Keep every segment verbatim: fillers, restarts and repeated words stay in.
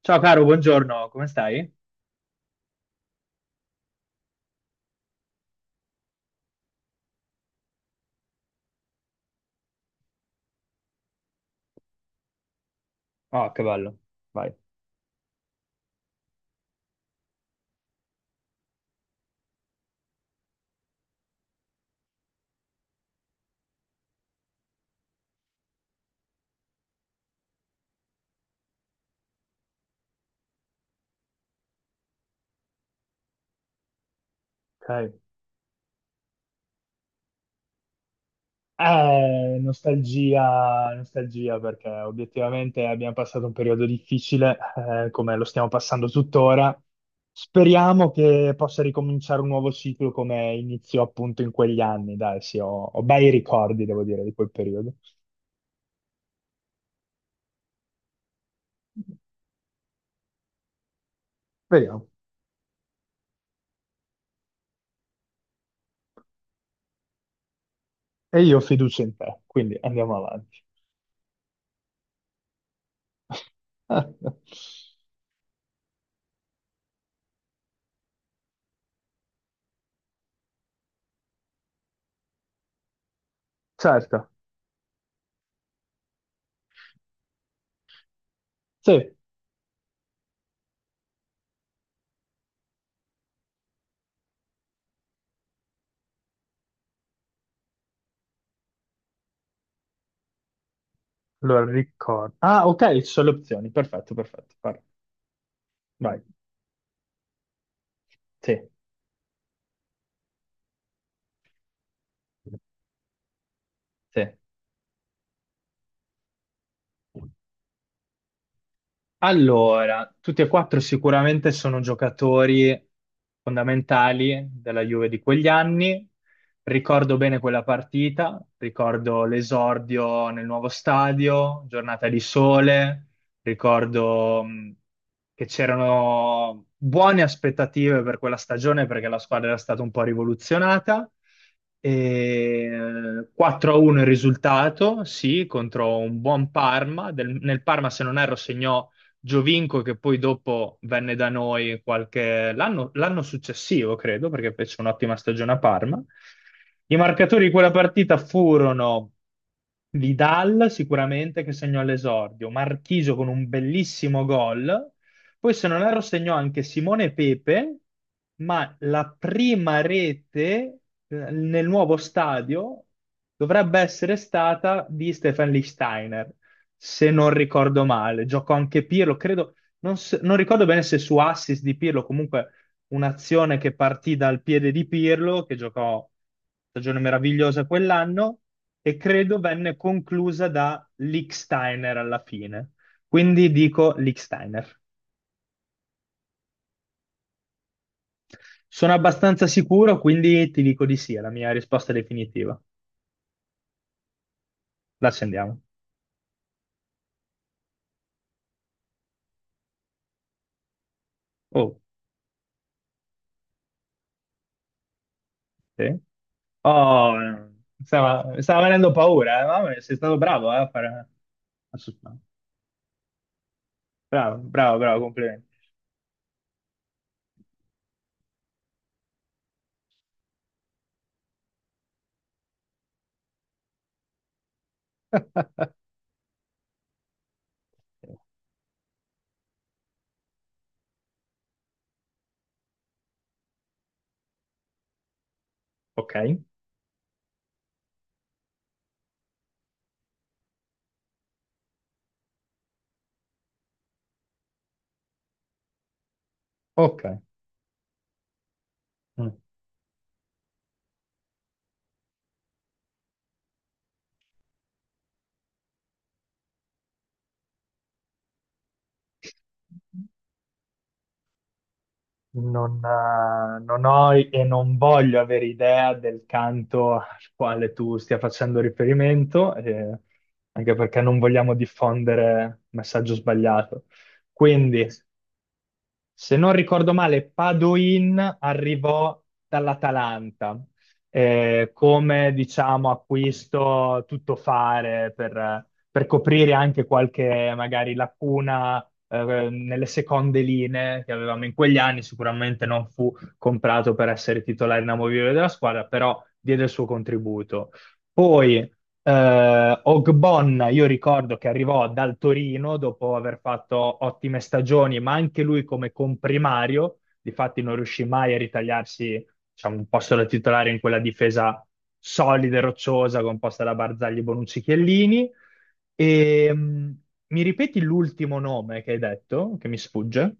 Ciao caro, buongiorno, come stai? Ah, che bello. Vai. Ok. Eh, nostalgia, nostalgia perché obiettivamente abbiamo passato un periodo difficile, eh, come lo stiamo passando tuttora. Speriamo che possa ricominciare un nuovo ciclo come iniziò appunto in quegli anni. Dai, sì, ho, ho bei ricordi, devo dire, di quel periodo. Vediamo. E io ho fiducia in te, quindi andiamo avanti. Certo. Sì. Allora, ricordo. Ah, ok, ci sono le opzioni. Perfetto, perfetto. Vai. Vai. Sì, sì. Allora, tutti e quattro sicuramente sono giocatori fondamentali della Juve di quegli anni. Ricordo bene quella partita, ricordo l'esordio nel nuovo stadio, giornata di sole, ricordo mh, che c'erano buone aspettative per quella stagione perché la squadra era stata un po' rivoluzionata. E quattro a uno il risultato, sì, contro un buon Parma. Del- nel Parma, se non erro, segnò Giovinco che poi dopo venne da noi qualche... l'anno l'anno successivo, credo, perché fece un'ottima stagione a Parma. I marcatori di quella partita furono Vidal, sicuramente, che segnò all'esordio, Marchisio con un bellissimo gol, poi se non erro segnò anche Simone Pepe, ma la prima rete eh, nel nuovo stadio dovrebbe essere stata di Stefan Lichtsteiner se non ricordo male. Giocò anche Pirlo, credo, non, s- non ricordo bene se su assist di Pirlo, comunque un'azione che partì dal piede di Pirlo, che giocò stagione meravigliosa quell'anno, e credo venne conclusa da Licksteiner alla fine. Quindi dico Licksteiner. Sono abbastanza sicuro, quindi ti dico di sì, è la mia risposta definitiva. L'accendiamo. Oh, sì. Oh, stava, stava venendo paura, eh? Mamma mia, sei stato bravo, eh, a fare... a suonare. Bravo, bravo, bravo, complimenti. Ok, ok. Mm. Non, eh, non ho e non voglio avere idea del canto al quale tu stia facendo riferimento, eh, anche perché non vogliamo diffondere messaggio sbagliato. Quindi, se non ricordo male, Padoin arrivò dall'Atalanta eh, come, diciamo, acquisto tuttofare per, per coprire anche qualche, magari, lacuna eh, nelle seconde linee che avevamo in quegli anni. Sicuramente non fu comprato per essere titolare inamovibile della squadra, però diede il suo contributo. Poi, eh, Ogbonna, io ricordo che arrivò dal Torino dopo aver fatto ottime stagioni, ma anche lui come comprimario, difatti non riuscì mai a ritagliarsi, diciamo, un posto da titolare in quella difesa solida e rocciosa composta da Barzagli, Bonucci, Chiellini. E, mh, mi ripeti l'ultimo nome che hai detto, che mi sfugge?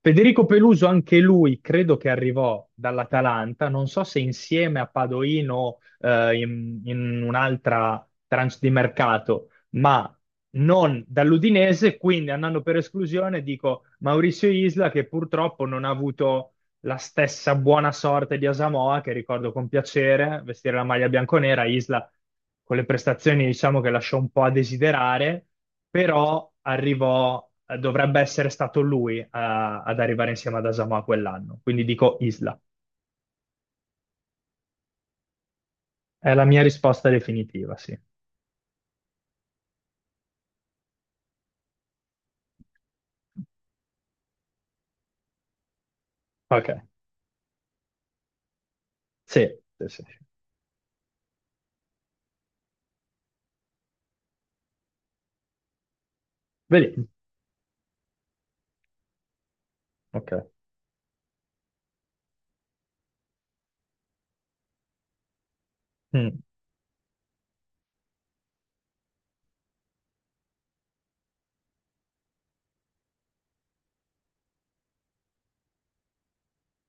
Federico Peluso, anche lui, credo che arrivò dall'Atalanta, non so se insieme a Padoino o eh, in, in un'altra tranche di mercato, ma non dall'Udinese, quindi andando per esclusione dico Maurizio Isla che purtroppo non ha avuto la stessa buona sorte di Asamoah, che ricordo con piacere, vestire la maglia bianconera, Isla con le prestazioni diciamo che lasciò un po' a desiderare, però arrivò, eh, dovrebbe essere stato lui a- ad arrivare insieme ad Asamoah quell'anno, quindi dico Isla. È la mia risposta definitiva, sì. Ok, sì, sì, sì, sì. Vedi? Ok. Mm.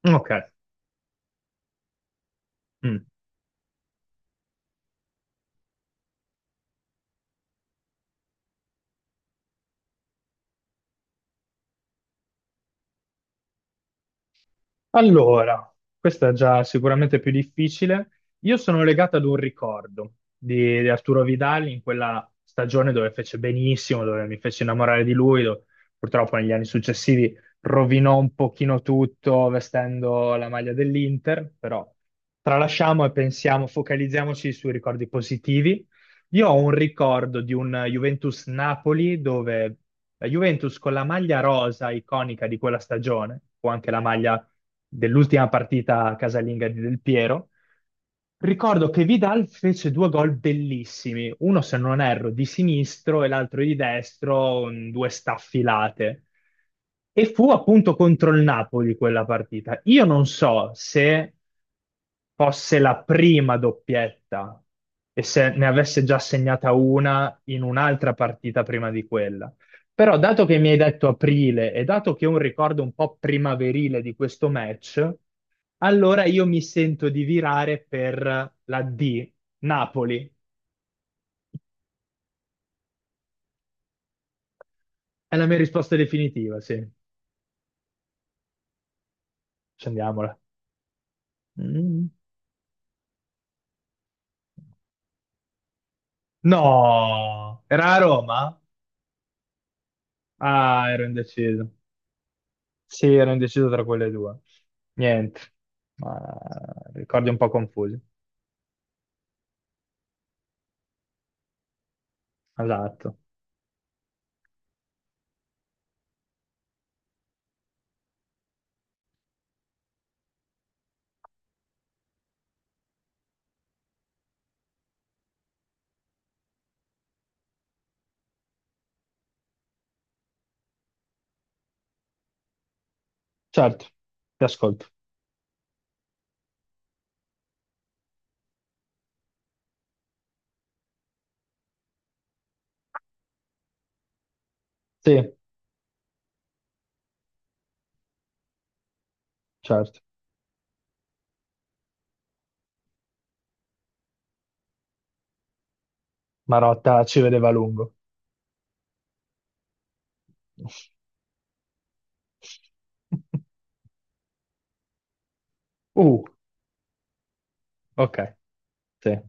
Ok. Mm. Allora, questa è già sicuramente più difficile. Io sono legato ad un ricordo di, di Arturo Vidal in quella stagione dove fece benissimo, dove mi fece innamorare di lui, dove purtroppo negli anni successivi rovinò un pochino tutto vestendo la maglia dell'Inter, però tralasciamo e pensiamo, focalizziamoci sui ricordi positivi. Io ho un ricordo di un Juventus-Napoli dove la Juventus con la maglia rosa iconica di quella stagione, o anche la maglia dell'ultima partita casalinga di Del Piero. Ricordo che Vidal fece due gol bellissimi, uno se non erro di sinistro e l'altro di destro, mh, due staffilate. E fu appunto contro il Napoli quella partita. Io non so se fosse la prima doppietta e se ne avesse già segnata una in un'altra partita prima di quella. Però, dato che mi hai detto aprile e dato che ho un ricordo un po' primaverile di questo match, allora io mi sento di virare per la D, Napoli. È la mia risposta definitiva, sì. Scendiamola. Mm. No, era a Roma? Ah, ero indeciso. Sì, ero indeciso tra quelle due. Niente, ma ricordi un po' confusi. Esatto. Certo, ti ascolto. Sì, certo. Marotta ci vedeva a lungo. Uh, ok, sì.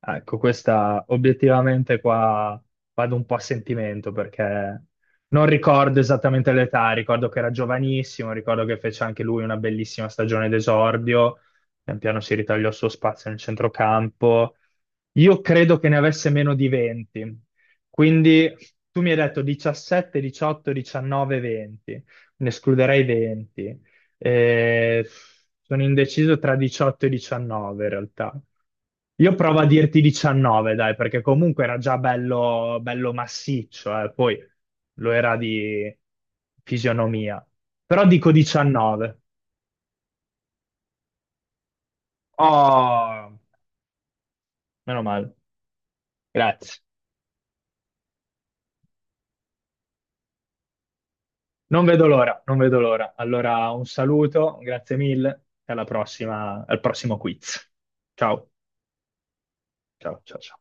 Ah, ecco, questa obiettivamente qua vado un po' a sentimento perché non ricordo esattamente l'età, ricordo che era giovanissimo, ricordo che fece anche lui una bellissima stagione d'esordio, pian piano si ritagliò il suo spazio nel centrocampo. Io credo che ne avesse meno di venti, quindi tu mi hai detto diciassette, diciotto, diciannove, venti, ne escluderei venti. Eh, sono indeciso tra diciotto e diciannove in realtà. Io provo a dirti diciannove, dai, perché comunque era già bello, bello massiccio, eh, poi lo era di fisionomia. Però dico diciannove. Oh, meno male. Grazie. Non vedo l'ora, non vedo l'ora. Allora, un saluto, grazie mille e alla prossima, al prossimo quiz. Ciao, ciao, ciao, ciao.